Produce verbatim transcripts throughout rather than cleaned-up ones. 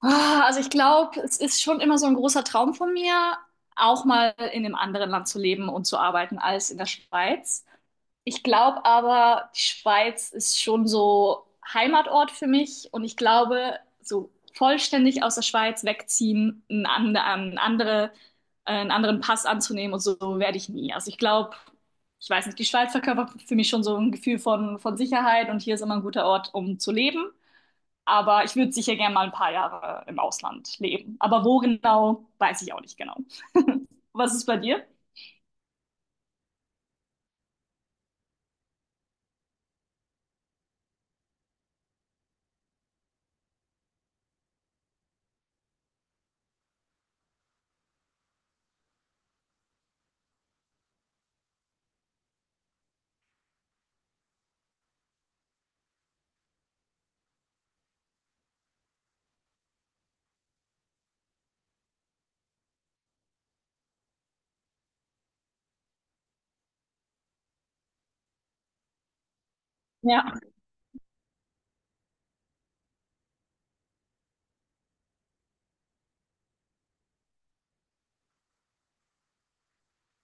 Ah, Also ich glaube, es ist schon immer so ein großer Traum von mir, auch mal in einem anderen Land zu leben und zu arbeiten als in der Schweiz. Ich glaube aber, die Schweiz ist schon so Heimatort für mich und ich glaube, so vollständig aus der Schweiz wegziehen, einen, and einen, andere, äh, einen anderen Pass anzunehmen und so werde ich nie. Also ich glaube, ich weiß nicht, die Schweiz verkörpert für mich schon so ein Gefühl von, von Sicherheit und hier ist immer ein guter Ort, um zu leben. Aber ich würde sicher gerne mal ein paar Jahre im Ausland leben. Aber wo genau, weiß ich auch nicht genau. Was ist bei dir? Ja,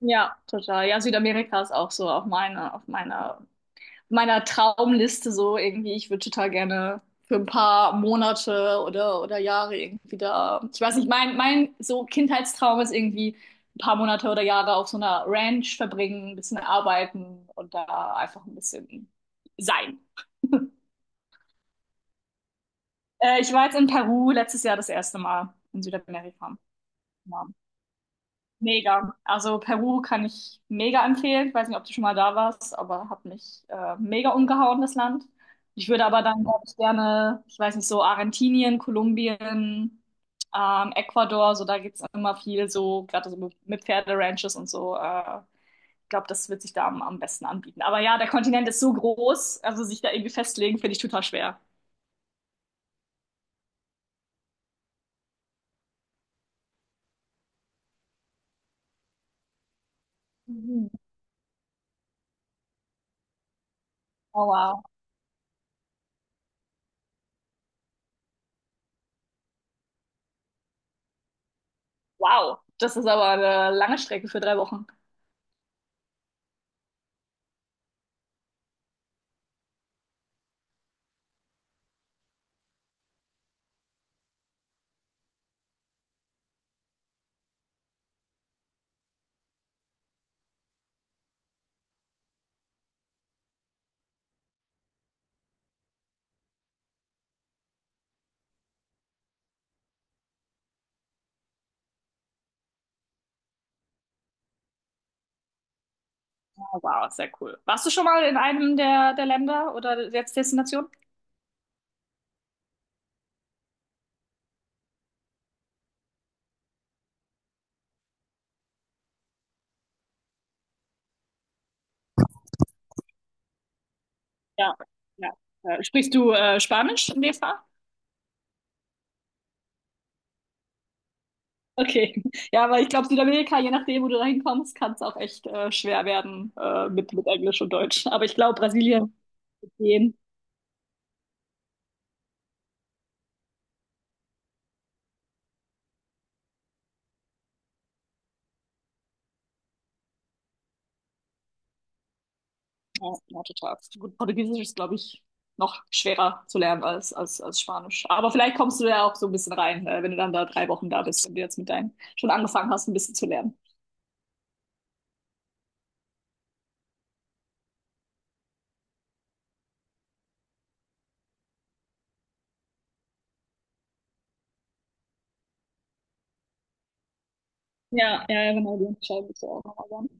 ja, total. Ja, Südamerika ist auch so auf meiner, auf meiner, meiner Traumliste so irgendwie. Ich würde total gerne für ein paar Monate oder, oder Jahre irgendwie da. Ich weiß nicht, mein, mein so Kindheitstraum ist irgendwie ein paar Monate oder Jahre auf so einer Ranch verbringen, ein bisschen arbeiten und da einfach ein bisschen sein. Äh, ich war jetzt in Peru letztes Jahr das erste Mal in Südamerika. Ja. Mega. Also Peru kann ich mega empfehlen. Ich weiß nicht, ob du schon mal da warst, aber hat mich äh, mega umgehauen, das Land. Ich würde aber dann, glaube ich, gerne, ich weiß nicht, so Argentinien, Kolumbien, ähm, Ecuador, so da gibt's immer viel so, gerade so mit mit Pferderanches und so. Äh, ich glaube, das wird sich da am, am besten anbieten. Aber ja, der Kontinent ist so groß, also sich da irgendwie festlegen, finde ich total schwer. Mhm. Oh, wow. Wow, das ist aber eine lange Strecke für drei Wochen. Wow, sehr cool. Warst du schon mal in einem der, der Länder oder jetzt Destinationen? Ja, ja. Äh, Sprichst du äh, Spanisch in dem Fall? Okay. Ja, aber ich glaube, Südamerika, je nachdem, wo du da hinkommst, kann es auch echt äh, schwer werden äh, mit, mit Englisch und Deutsch. Aber ich glaube, Brasilien wird gehen. Ja, ja, total. Gut, Portugiesisch ist, glaube ich, noch schwerer zu lernen als, als, als Spanisch. Aber vielleicht kommst du ja auch so ein bisschen rein, äh, wenn du dann da drei Wochen da bist und du jetzt mit deinen schon angefangen hast, ein bisschen zu lernen. Ja, ja, ja, genau, die unterscheiden sich ja auch nochmal ganz.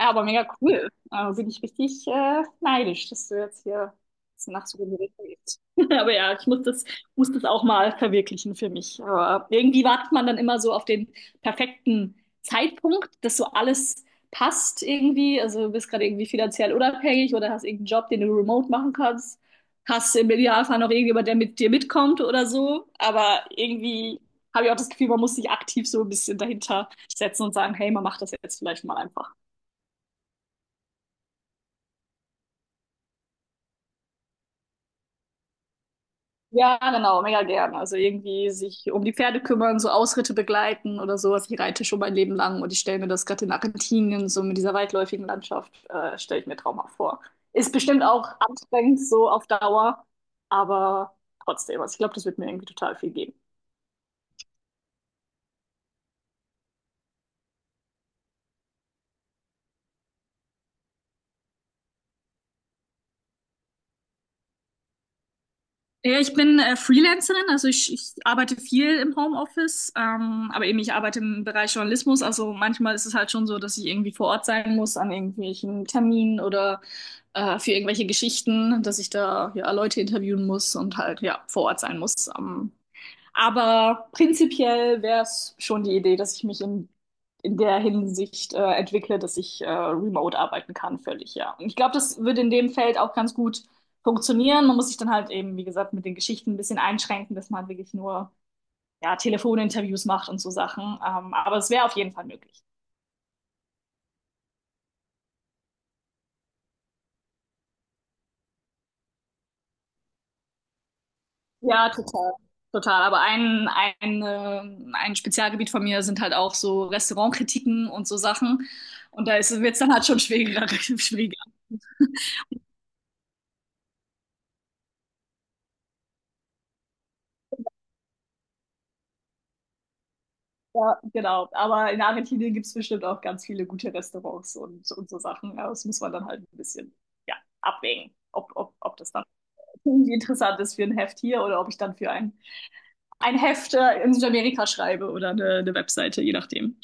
Ja, aber mega cool. Äh, bin ich richtig äh, neidisch, dass du jetzt hier so nach so einer Richtung gehst. Aber ja, ich muss das, muss das auch mal verwirklichen für mich. Aber irgendwie wartet man dann immer so auf den perfekten Zeitpunkt, dass so alles passt irgendwie. Also du bist gerade irgendwie finanziell unabhängig oder hast irgendeinen Job, den du remote machen kannst. Hast im Idealfall noch irgendjemand, der mit dir mitkommt oder so. Aber irgendwie habe ich auch das Gefühl, man muss sich aktiv so ein bisschen dahinter setzen und sagen, hey, man macht das jetzt vielleicht mal einfach. Ja, genau, mega gern. Also irgendwie sich um die Pferde kümmern, so Ausritte begleiten oder sowas. Ich reite schon mein Leben lang und ich stelle mir das gerade in Argentinien, so mit dieser weitläufigen Landschaft, äh, stelle ich mir traumhaft vor. Ist bestimmt auch anstrengend so auf Dauer, aber trotzdem. Also ich glaube, das wird mir irgendwie total viel geben. Ja, ich bin äh, Freelancerin, also ich, ich arbeite viel im Homeoffice, ähm, aber eben ich arbeite im Bereich Journalismus. Also manchmal ist es halt schon so, dass ich irgendwie vor Ort sein muss an irgendwelchen Terminen oder äh, für irgendwelche Geschichten, dass ich da ja Leute interviewen muss und halt ja vor Ort sein muss. Ähm, aber prinzipiell wäre es schon die Idee, dass ich mich in, in der Hinsicht äh, entwickle, dass ich äh, remote arbeiten kann, völlig, ja. Und ich glaube, das würde in dem Feld auch ganz gut funktionieren. Man muss sich dann halt eben, wie gesagt, mit den Geschichten ein bisschen einschränken, dass man wirklich nur ja, Telefoninterviews macht und so Sachen. Ähm, aber es wäre auf jeden Fall möglich. Ja, total. Total. Aber ein, ein, äh, ein Spezialgebiet von mir sind halt auch so Restaurantkritiken und so Sachen. Und da wird es dann halt schon schwieriger, schwieriger. Ja, genau. Aber in Argentinien gibt es bestimmt auch ganz viele gute Restaurants und, und so Sachen. Aber das muss man dann halt ein bisschen, ja, abwägen, ob, ob, ob das dann irgendwie interessant ist für ein Heft hier oder ob ich dann für ein, ein Heft äh, in Südamerika schreibe oder eine, eine Webseite, je nachdem.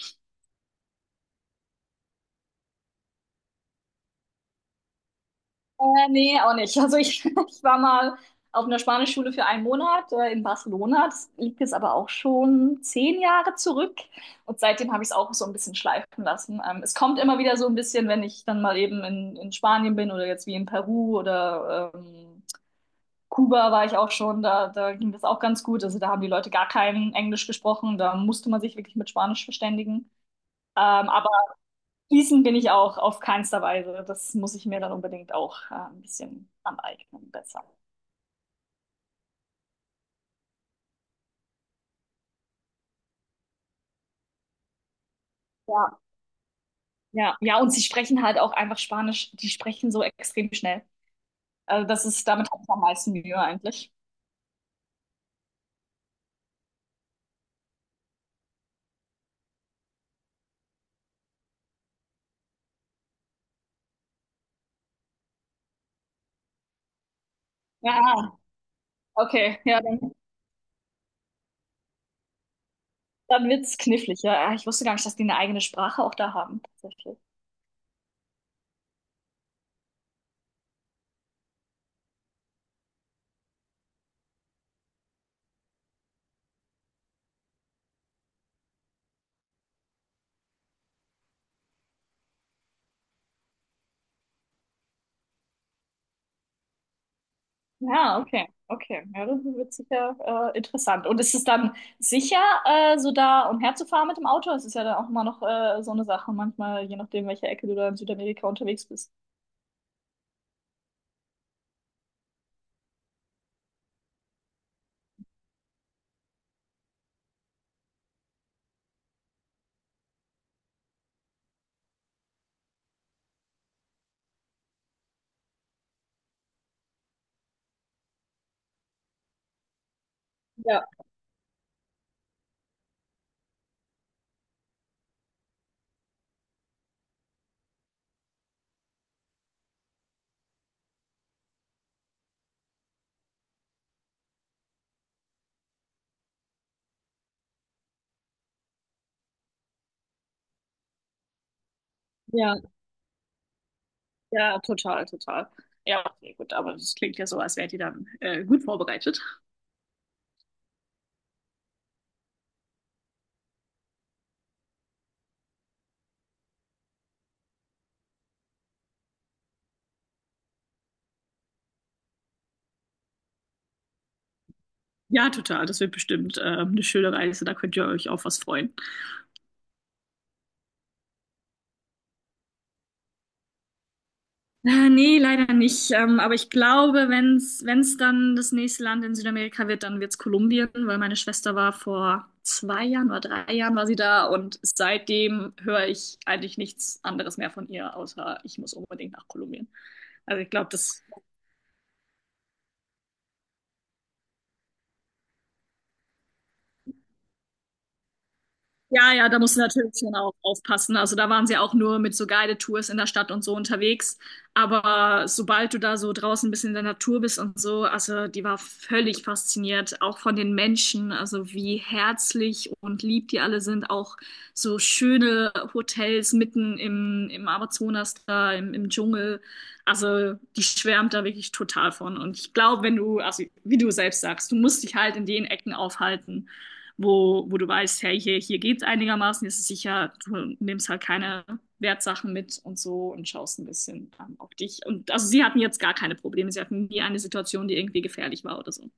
Äh, nee, auch nicht. Also ich, ich war mal auf einer Spanischschule für einen Monat äh, in Barcelona. Das liegt jetzt aber auch schon zehn Jahre zurück. Und seitdem habe ich es auch so ein bisschen schleifen lassen. Ähm, es kommt immer wieder so ein bisschen, wenn ich dann mal eben in, in Spanien bin oder jetzt wie in Peru oder ähm, Kuba war ich auch schon. Da, da ging das auch ganz gut. Also da haben die Leute gar kein Englisch gesprochen. Da musste man sich wirklich mit Spanisch verständigen. Ähm, Fließen bin ich auch auf keinster Weise. Das muss ich mir dann unbedingt auch äh, ein bisschen aneignen, besser. Ja. Ja, ja, und sie sprechen halt auch einfach Spanisch. Die sprechen so extrem schnell. Also das ist, damit habe ich am meisten Mühe eigentlich. Ja, okay, ja, dann, dann wird's knifflig. Ja, ich wusste gar nicht, dass die eine eigene Sprache auch da haben, tatsächlich. Ja, okay, okay. Ja, das wird sicher äh, interessant. Und ist es dann sicher, äh, so da umherzufahren mit dem Auto? Es ist ja dann auch immer noch äh, so eine Sache, manchmal, je nachdem, welche Ecke du da in Südamerika unterwegs bist. Ja, ja, ja, total, total. Ja, okay, gut, aber das klingt ja so, als wärt ihr dann äh, gut vorbereitet. Ja, total. Das wird bestimmt äh, eine schöne Reise. Da könnt ihr euch auf was freuen. Äh, Nee, leider nicht. Ähm, aber ich glaube, wenn's, wenn's dann das nächste Land in Südamerika wird, dann wird's Kolumbien, weil meine Schwester war vor zwei Jahren oder drei Jahren war sie da und seitdem höre ich eigentlich nichts anderes mehr von ihr, außer ich muss unbedingt nach Kolumbien. Also ich glaube, das. Ja, ja, da musst du natürlich schon auch aufpassen. Also da waren sie auch nur mit so Guided-Tours in der Stadt und so unterwegs. Aber sobald du da so draußen ein bisschen in der Natur bist und so, also die war völlig fasziniert, auch von den Menschen, also wie herzlich und lieb die alle sind. Auch so schöne Hotels mitten im, im Amazonas da, im, im Dschungel. Also die schwärmt da wirklich total von. Und ich glaube, wenn du, also wie du selbst sagst, du musst dich halt in den Ecken aufhalten wo, wo du weißt, hey, hier, hier geht's einigermaßen, ist es sicher, du nimmst halt keine Wertsachen mit und so und schaust ein bisschen ähm, auf dich. Und also sie hatten jetzt gar keine Probleme, sie hatten nie eine Situation, die irgendwie gefährlich war oder so.